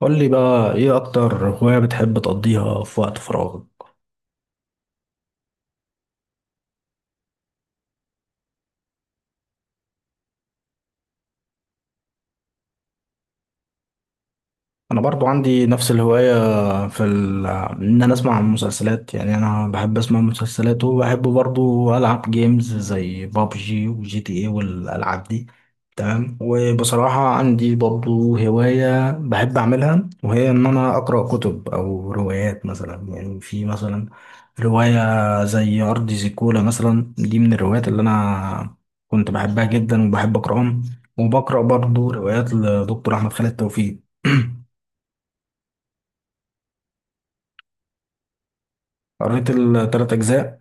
قول لي بقى ايه اكتر هواية بتحب تقضيها في وقت فراغك؟ انا برضو عندي نفس الهواية. ان انا اسمع مسلسلات، يعني انا بحب اسمع مسلسلات، وبحب برضو العب جيمز زي بابجي وجي تي اي والالعاب دي. تمام. وبصراحة عندي برضو هواية بحب اعملها، وهي ان انا اقرأ كتب او روايات، مثلا يعني في مثلا رواية زي ارض زيكولا، مثلا دي من الروايات اللي انا كنت بحبها جدا وبحب اقرأهم، وبقرأ برضو روايات لدكتور احمد خالد توفيق. قريت التلات أجزاء.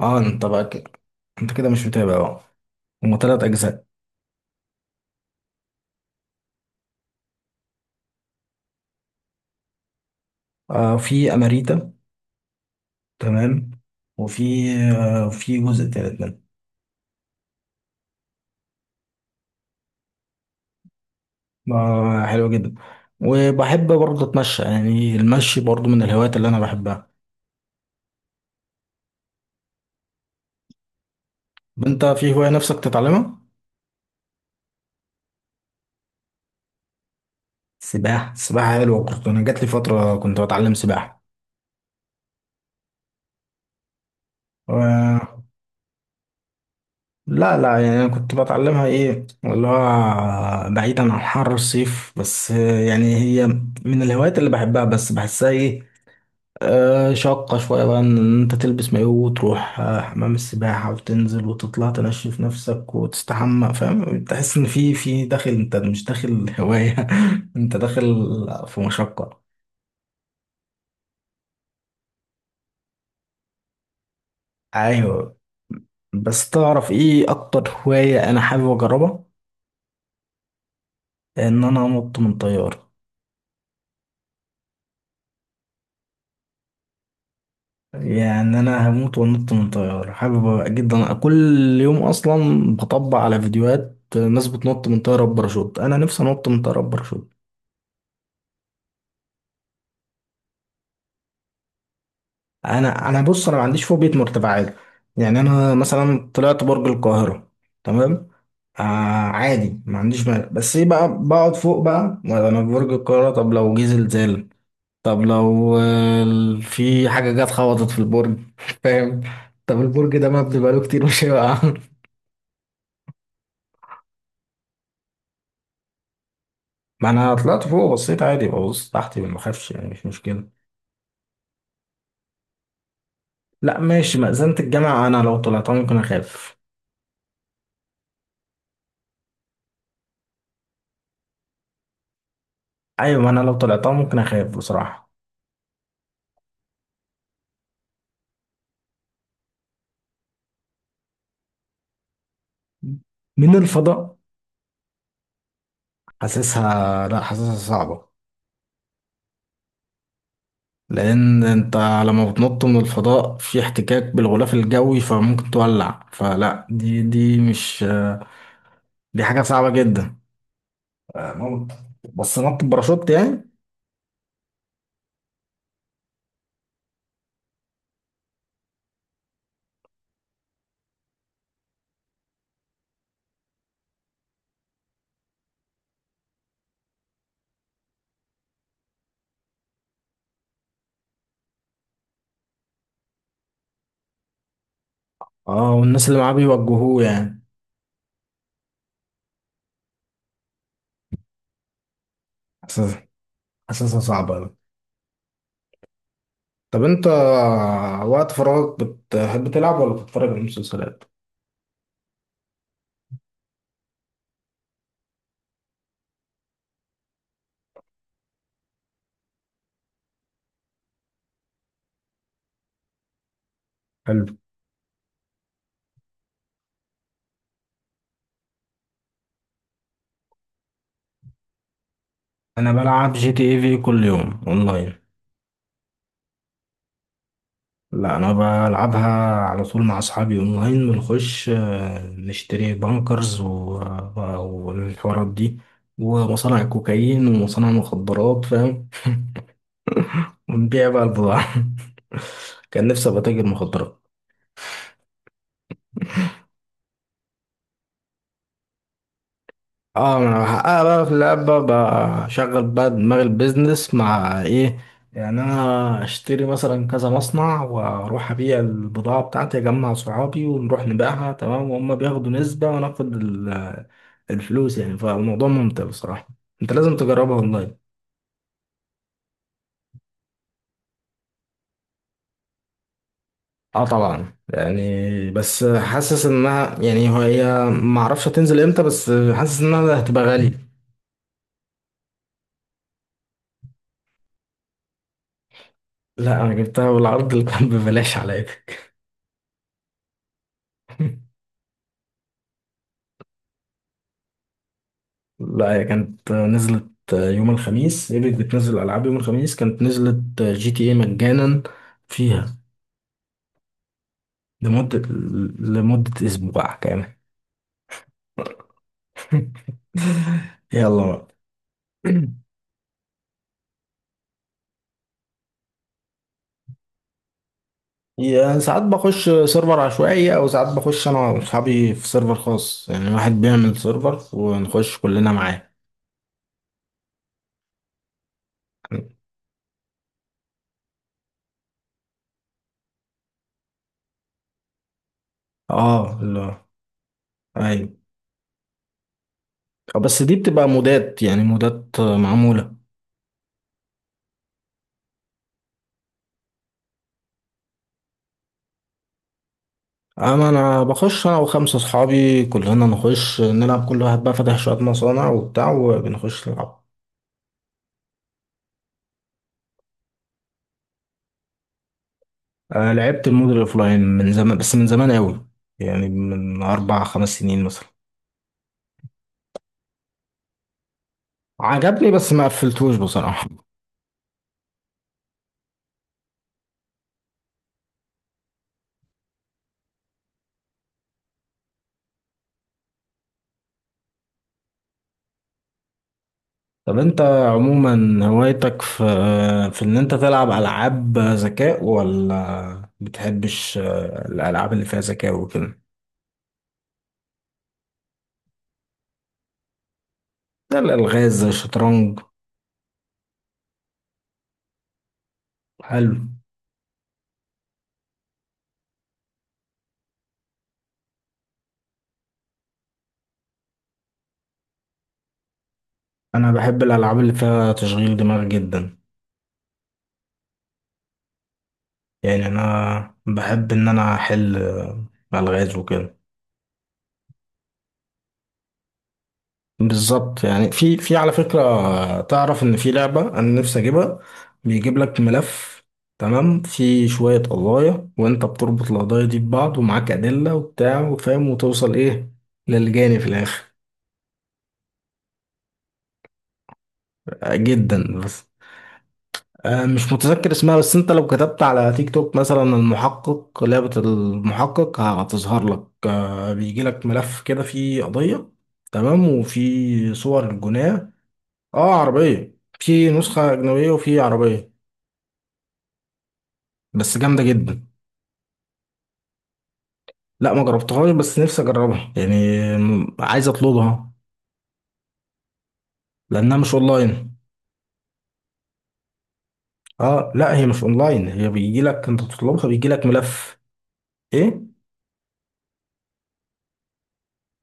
اه، انت بقى كده، انت كده مش متابع بقى. هما تلات أجزاء. آه، في أماريتا. تمام. وفي آه في جزء تالت منه. آه، حلو جدا. وبحب برضه أتمشى، يعني المشي برضه من الهوايات اللي أنا بحبها. طب انت في هواية نفسك تتعلمها؟ سباحة. السباحة حلوة، أنا جات لي فترة كنت بتعلم سباحة. آه، لا لا، يعني انا كنت بتعلمها ايه اللي هو بعيدا عن حر الصيف، بس يعني هي من الهوايات اللي بحبها، بس بحسها ايه، آه شاقة شوية بقى ان انت تلبس مايو وتروح حمام السباحة وتنزل وتطلع تنشف نفسك وتستحمى، فاهم، تحس ان في داخل، انت مش داخل هواية، انت داخل في مشقة. ايوه. بس تعرف ايه اكتر هواية انا حابب اجربها؟ ان انا انط من طيارة. يعني انا هموت وانط من طيارة، حابب جدا. أنا كل يوم اصلا بطبع على فيديوهات ناس بتنط من طيارة بباراشوت، انا نفسي انط من طيارة بباراشوت. انا بص، انا ما عنديش فوبيا مرتفعات، يعني انا مثلا طلعت برج القاهرة. تمام. آه عادي، ما عنديش مانع، بس ايه بقى، بقعد فوق بقى انا في برج القاهرة، طب لو جه زلزال، طب لو في حاجة جت خبطت في البرج، فاهم. طب البرج ده مبني بقاله كتير، مش هيقع. ما انا طلعت فوق، بصيت عادي، ببص تحتي ما بخافش، يعني مش مشكله. لا ماشي، مأذنة الجامعه انا لو طلعتها ممكن اخاف. ايوه، ما انا لو طلعتها ممكن اخاف بصراحه. من الفضاء؟ حاسسها، لا حاسسها صعبه. لان انت لما بتنط من الفضاء في احتكاك بالغلاف الجوي، فممكن تولع، فلا دي دي مش دي حاجه صعبه جدا. آه، ممكن، بس نط باراشوت يعني. اه، والناس اللي معاه بيوجهوه يعني. حاسسها حاسسها صعبه. طب انت وقت فراغك بتحب تلعب ولا بتتفرج على المسلسلات؟ حلو. انا بلعب جي تي اي في كل يوم اونلاين. لا انا بلعبها على طول مع اصحابي اونلاين، بنخش نشتري بانكرز و- والحوارات دي، ومصانع كوكايين ومصانع مخدرات، فاهم، ونبيع بقى البضاعة. كان نفسي ابقى تاجر مخدرات. اه، ما انا بحققها بقى في اللعبة، بشغل بقى دماغ البيزنس مع ايه، يعني انا اشتري مثلا كذا مصنع واروح ابيع البضاعة بتاعتي، اجمع صحابي ونروح نبيعها، تمام، وهم بياخدوا نسبة وانا اخد الفلوس، يعني فالموضوع ممتع بصراحة، انت لازم تجربها اونلاين. اه طبعا، يعني بس حاسس انها، يعني هي ما اعرفش هتنزل امتى، بس حاسس انها هتبقى غالية. لا انا جبتها بالعرض اللي كان ببلاش عليا. لا هي كانت نزلت يوم الخميس، ايبك بتنزل العاب يوم الخميس، كانت نزلت جي تي اي مجانا فيها لمدة لمدة اسبوع كامل. يلا بقى. يعني ساعات بخش سيرفر عشوائي، او ساعات بخش انا واصحابي في سيرفر خاص، يعني واحد بيعمل سيرفر ونخش كلنا معاه. اه لا. ايوه، بس دي بتبقى مودات، يعني مودات معمولة. أما أنا بخش أنا وخمسة أصحابي، كلنا نخش نلعب، كل واحد بقى فاتح شوية مصانع وبتاع، وبنخش نلعب. آه لعبت المود الأوفلاين من زمان، بس من زمان أوي، يعني من 4 5 سنين مثلا. عجبني بس ما قفلتوش بصراحة. طب أنت عموما هوايتك في إن أنت تلعب ألعاب ذكاء، ولا بتحبش الألعاب اللي فيها ذكاء وكده؟ ده الألغاز زي الشطرنج. حلو. أنا بحب الألعاب اللي فيها تشغيل دماغ جدا، يعني انا بحب ان انا احل الغاز وكده. بالظبط، يعني في، على فكره، تعرف ان في لعبه انا نفسي اجيبها. بيجيب لك ملف، تمام، في شويه قضايا، وانت بتربط القضايا دي ببعض، ومعاك ادله وبتاع، وفاهم، وتوصل ايه للجاني في الاخر. آه، جدا، بس مش متذكر اسمها، بس انت لو كتبت على تيك توك مثلا المحقق، لعبة المحقق، هتظهر لك، بيجي لك ملف كده فيه قضية، تمام، وفي صور الجناة. اه عربية، في نسخة أجنبية وفي عربية، بس جامدة جدا. لا ما جربتهاش بس نفسي أجربها يعني، عايز أطلبها. لأنها مش أونلاين. اه لا، هي مش أونلاين، هي بيجي لك انت تطلبها، بيجي لك ملف. ايه.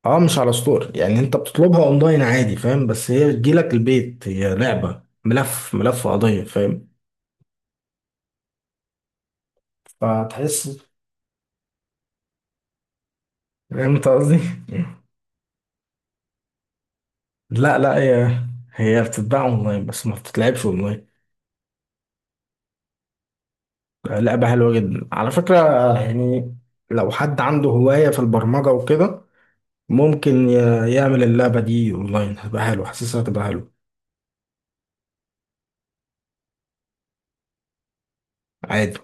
اه مش على ستور، يعني انت بتطلبها اونلاين عادي، فاهم، بس هي بتجيلك البيت، هي لعبة ملف، ملف قضية، فاهم. فتحس. فهمت قصدي. لا لا، هي بتتباع اونلاين بس ما بتتلعبش اونلاين، لعبة حلوة جدا على فكرة، يعني لو حد عنده هواية في البرمجة وكده ممكن يعمل اللعبة دي اونلاين، هتبقى حلوة، حاسسها هتبقى حلوة. عادي.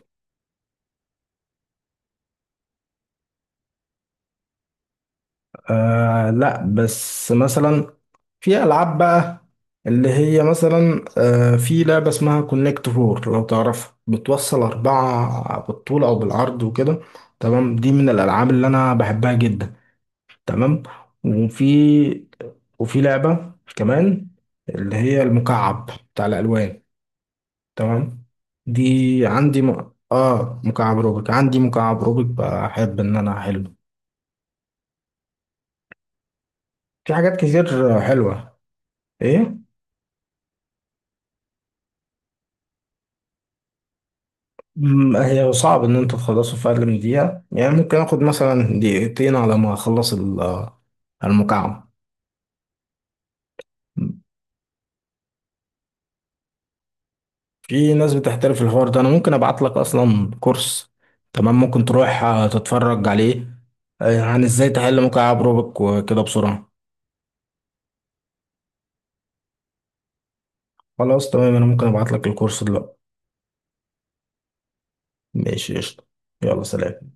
آه لا، بس مثلا في ألعاب بقى، اللي هي مثلا في لعبة اسمها كونكت فور لو تعرفها، بتوصل أربعة بالطول أو بالعرض وكده. تمام. دي من الألعاب اللي أنا بحبها جدا. تمام. وفي وفي لعبة كمان، اللي هي المكعب بتاع الألوان، تمام، دي عندي م... آه مكعب روبيك، عندي مكعب روبيك بحب إن أنا أحله. في حاجات كتير حلوة. إيه. هي صعب ان انتوا تخلصوا في اقل من دقيقة، يعني ممكن اخد مثلا دقيقتين على ما اخلص المكعب. في ناس بتحترف الحوار ده، انا ممكن ابعت لك اصلا كورس، تمام، ممكن تروح تتفرج عليه، عن ازاي تحل مكعب روبك وكده بسرعة. خلاص تمام، انا ممكن ابعت لك الكورس دلوقتي. ماشي قشطة. يلا سلام.